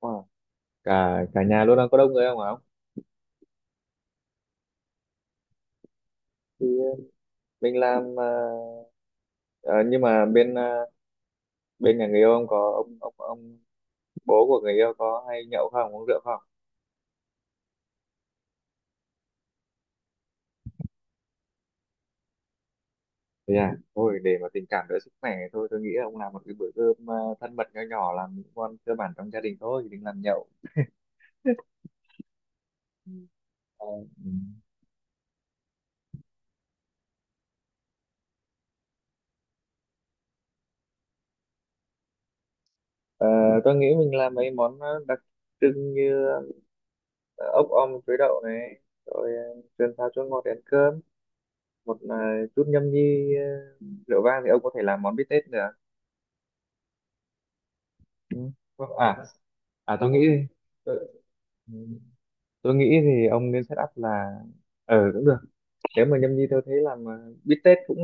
Wow. cả cả nhà luôn đang có đông người không hả ông? thì ờ, mình làm, nhưng mà bên nhà người yêu ông có, ông bố của người yêu có hay nhậu không, uống rượu không? Thì à Thôi, để mà tình cảm đỡ sức khỏe, thôi tôi nghĩ là ông làm một cái bữa cơm thân mật nho nhỏ, làm những món cơ bản trong gia đình thôi, đừng làm nhậu. Ờ, ừ. Ờ, tôi nghĩ mình làm mấy món đặc trưng như ờ, ốc om chuối đậu này, rồi sườn xào chua ngọt để ăn cơm, một chút nhâm nhi rượu vang thì ông có thể làm món bít tết nữa. Ừ. à à tôi nghĩ tôi, tôi nghĩ thì ông nên set up là, ừ, cũng được. Nếu mà nhâm nhi tôi thấy làm bít tết cũng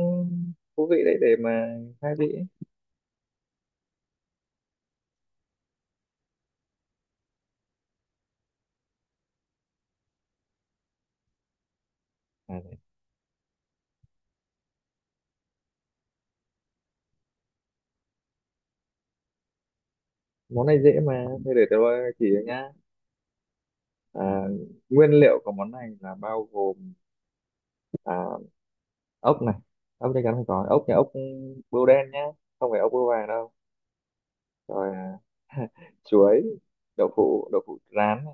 thú vị đấy, để mà khai vị ấy. À, đấy. Món này dễ mà, thế để tôi chỉ cho nhá. À, nguyên liệu của món này là bao gồm à, ốc này, ốc chắc chắn phải có ốc, ốc bươu đen nhá, không phải ốc bươu vàng đâu. Rồi à, chuối, đậu phụ rán này,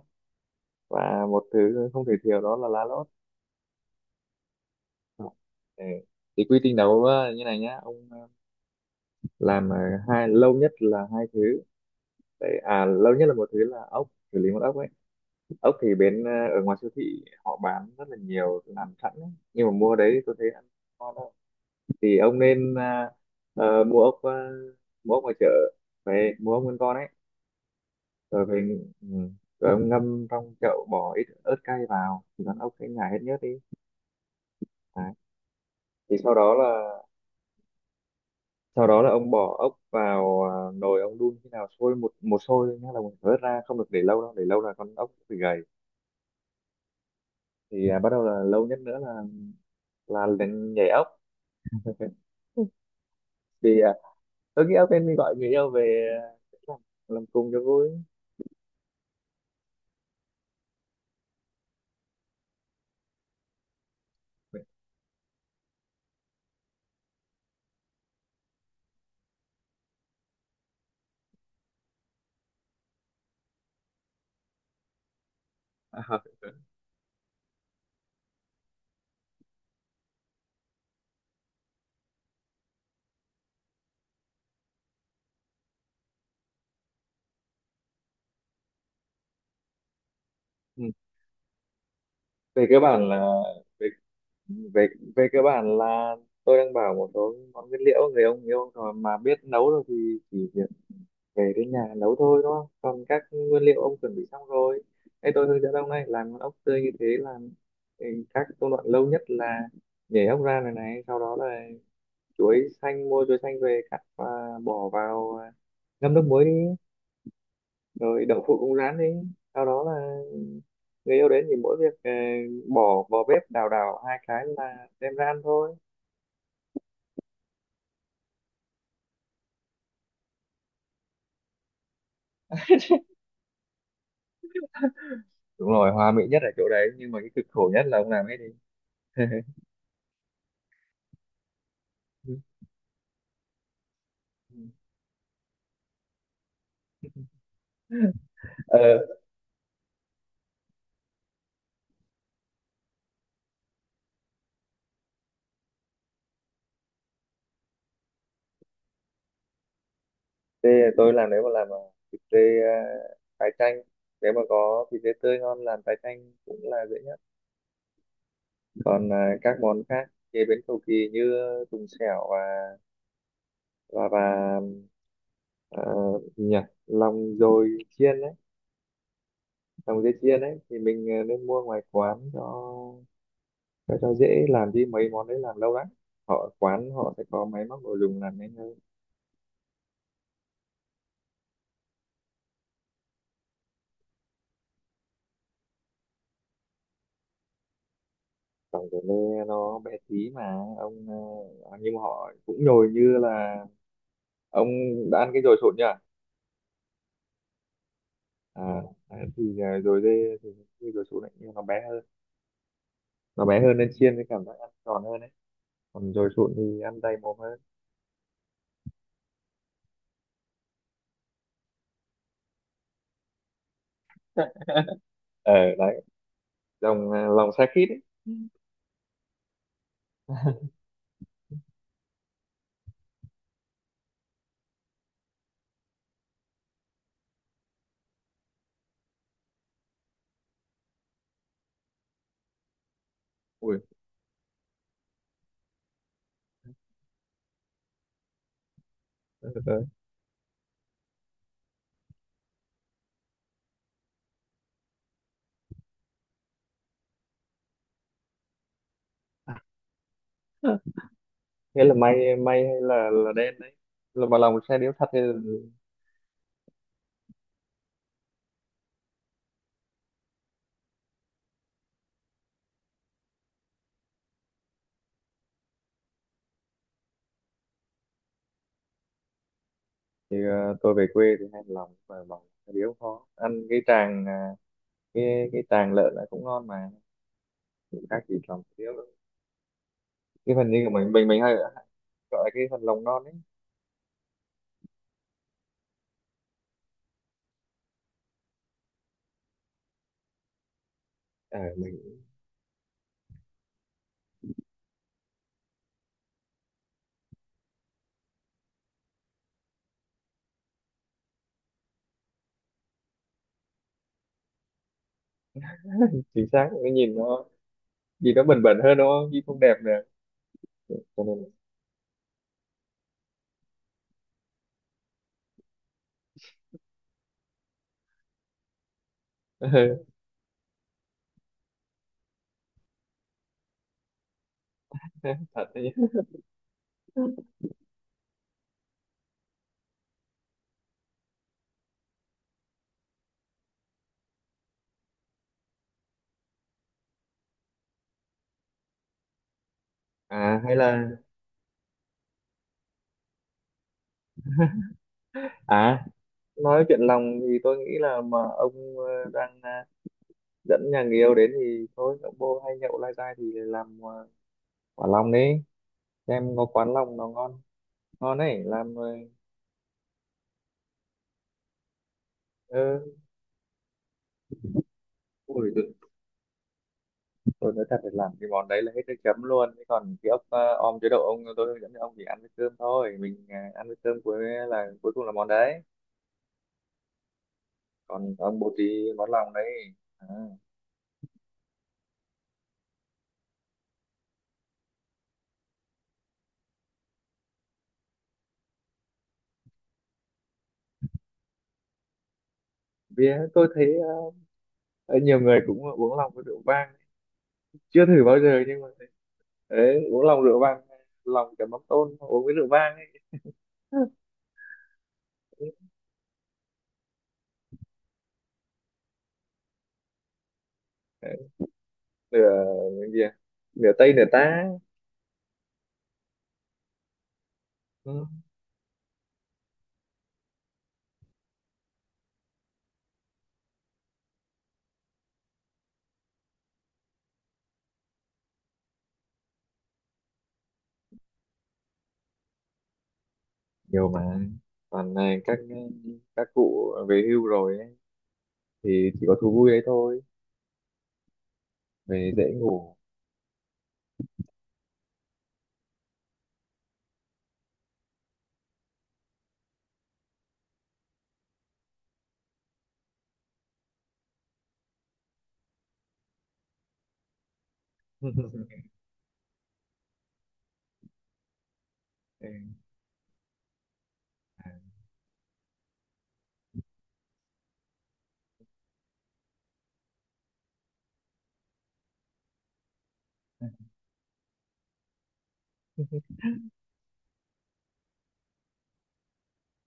và một thứ không thể thiếu đó là lá lốt. Ừ. Thì quy trình đấu như này nhá ông, làm ờ, hai lâu nhất là hai thứ đấy. À, lâu nhất là một thứ là ốc, xử lý một ốc ấy. Ốc thì ở ngoài siêu thị họ bán rất là nhiều làm sẵn ấy, nhưng mà mua đấy tôi thấy ăn ngon đâu. Thì ông nên, mua ốc, mua ốc ngoài chợ, về mua ốc nguyên con ấy, rồi về ừ, rồi ông ngâm trong chậu, bỏ ít ớt cay vào thì con ốc sẽ nhả hết nhớt đi. Đấy. Thì sau đó là, sau đó là ông bỏ ốc vào nồi, ông đun khi nào sôi một một sôi thôi nhá, là mình phải vớt ra, không được để lâu đâu, để lâu là con ốc bị gầy. Thì à, bắt đầu là lâu nhất nữa là lên nhảy ốc. Thì à, tôi nghĩ ốc nên đi gọi người yêu về, à, làm, làm cùng cho vui. À, ừ. Về cơ bản là, về về về cơ bản là tôi đang bảo một số món nguyên liệu người ông yêu rồi mà biết nấu rồi thì chỉ về đến nhà nấu thôi, đúng không, còn các nguyên liệu ông chuẩn bị xong rồi. Ê, tôi hướng dẫn ông này làm con ốc tươi như thế, làm ừ, các công đoạn lâu nhất là nhảy ốc ra này, sau đó là chuối xanh, mua chuối xanh về cắt và bỏ vào ngâm nước muối đi, rồi đậu phụ cũng rán đi, sau đó là người yêu đến thì mỗi việc bỏ vào bếp đào đào hai cái là đem ra ăn thôi. Đúng rồi, hòa mỹ nhất ở chỗ đấy, nhưng mà cái cực khổ nhất là ông làm hết đi. ờ thì tôi làm, nếu mà làm thịt dê tái chanh, nếu mà có thịt dê tươi ngon làm tái chanh cũng là dễ nhất. Còn à, các món khác chế biến cầu kỳ như tùng xẻo và và và à, gì nhỉ, lòng dồi chiên đấy, lòng dê chiên đấy, thì mình à, nên mua ngoài quán cho cho dễ, làm đi mấy món đấy làm lâu lắm, họ quán họ sẽ có máy móc đồ dùng làm nhanh hơn. Lòng dồi lê nó bé tí mà ông, à, nhưng mà họ cũng nhồi như là, ông đã ăn cái dồi sụn nhỉ? À, đấy, thì à, rồi dê thì khi dồi sụn ấy, nhưng nó bé hơn, nó bé hơn nên chiên thì cảm giác ăn giòn hơn đấy, còn rồi sụn thì ăn đầy mồm hơn. Ờ đấy, lòng à, lòng xe khít ấy. Ui đấy. Thế là may may hay là đen đấy, là mà lòng xe điếu thật thì à, tôi về quê thì hay lòng, mà lòng xe điếu khó ăn, cái tràng à, cái tràng lợn lại cũng ngon mà, cũng khác gì lòng xe điếu đâu. Cái phần như của mình hay gọi là cái phần lòng non ấy. Ờ mình, chính xác, cái nhìn nó gì đó bền bền hơn đúng không, gì không đẹp nè, cho nên là- thật đấy. À hay là, à nói chuyện lòng thì tôi nghĩ là mà ông đang dẫn nhà người yêu đến thì thôi, ông bô hay nhậu lai dai thì làm quả lòng đi, xem có quán lòng nó ngon, ngon ấy, làm ờ, ừ. Ui, tôi nói thật là làm cái món đấy là hết nước chấm luôn. Thế còn cái ốc om chế độ ông, tôi hướng dẫn cho ông chỉ ăn với cơm thôi, mình ăn với cơm, cuối là cuối cùng là món đấy, còn ông bột thì món lòng đấy. À. Vì tôi thấy ờ, nhiều người cũng uống lòng với rượu vang, chưa thử bao giờ nhưng mà, đấy, uống lòng rượu vang, lòng chấm mắm tôm uống với rượu vang ấy. Đấy, nửa cái gì à? Nửa tây nửa tá. Ừ. Nhiều mà, toàn là các cụ về hưu rồi ấy, thì chỉ có thú vui đấy thôi, về dễ ngủ. Ừ,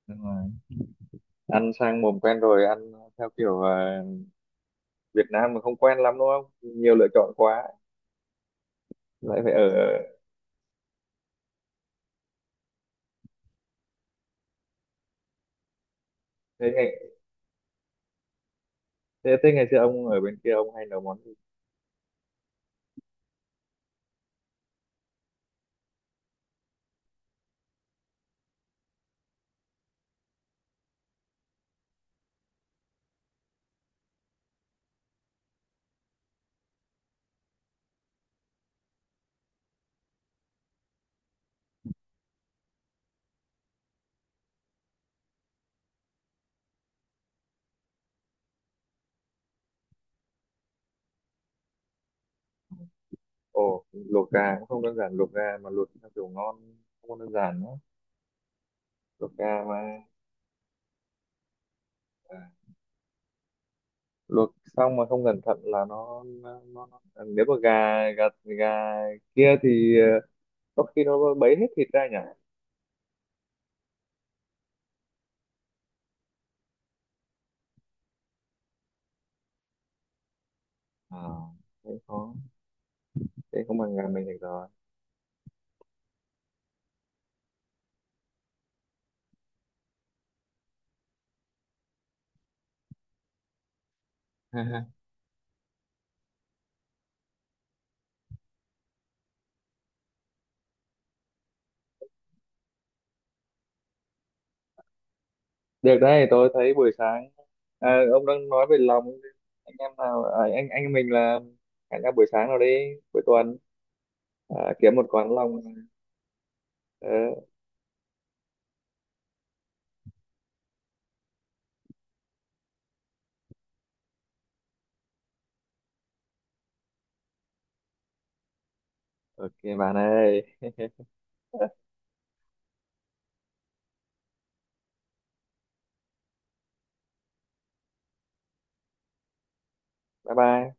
đúng rồi. Ăn sang mồm quen rồi, ăn theo kiểu Việt Nam mà không quen lắm đúng không, nhiều lựa chọn quá. Lại phải ở, thế ngày thế ngày xưa ông ở bên kia ông hay nấu món gì? Ồ, luộc gà cũng không đơn giản, luộc gà mà luộc theo kiểu ngon không đơn giản nữa. Luộc gà mà luộc xong mà không cẩn thận là nó- À, nếu mà gà, gà gà kia thì ờ, có khi nó bấy hết thịt ra nhỉ? À, thế khó, thế không bằng gà mình được rồi. Được đấy, tôi thấy buổi sáng, à, ông đang nói về lòng, anh em nào, à, anh em mình là hẹn nhau buổi sáng nào đi, cuối tuần, à, kiếm một quán lòng. Ờ, ok bạn ơi. Bye bye.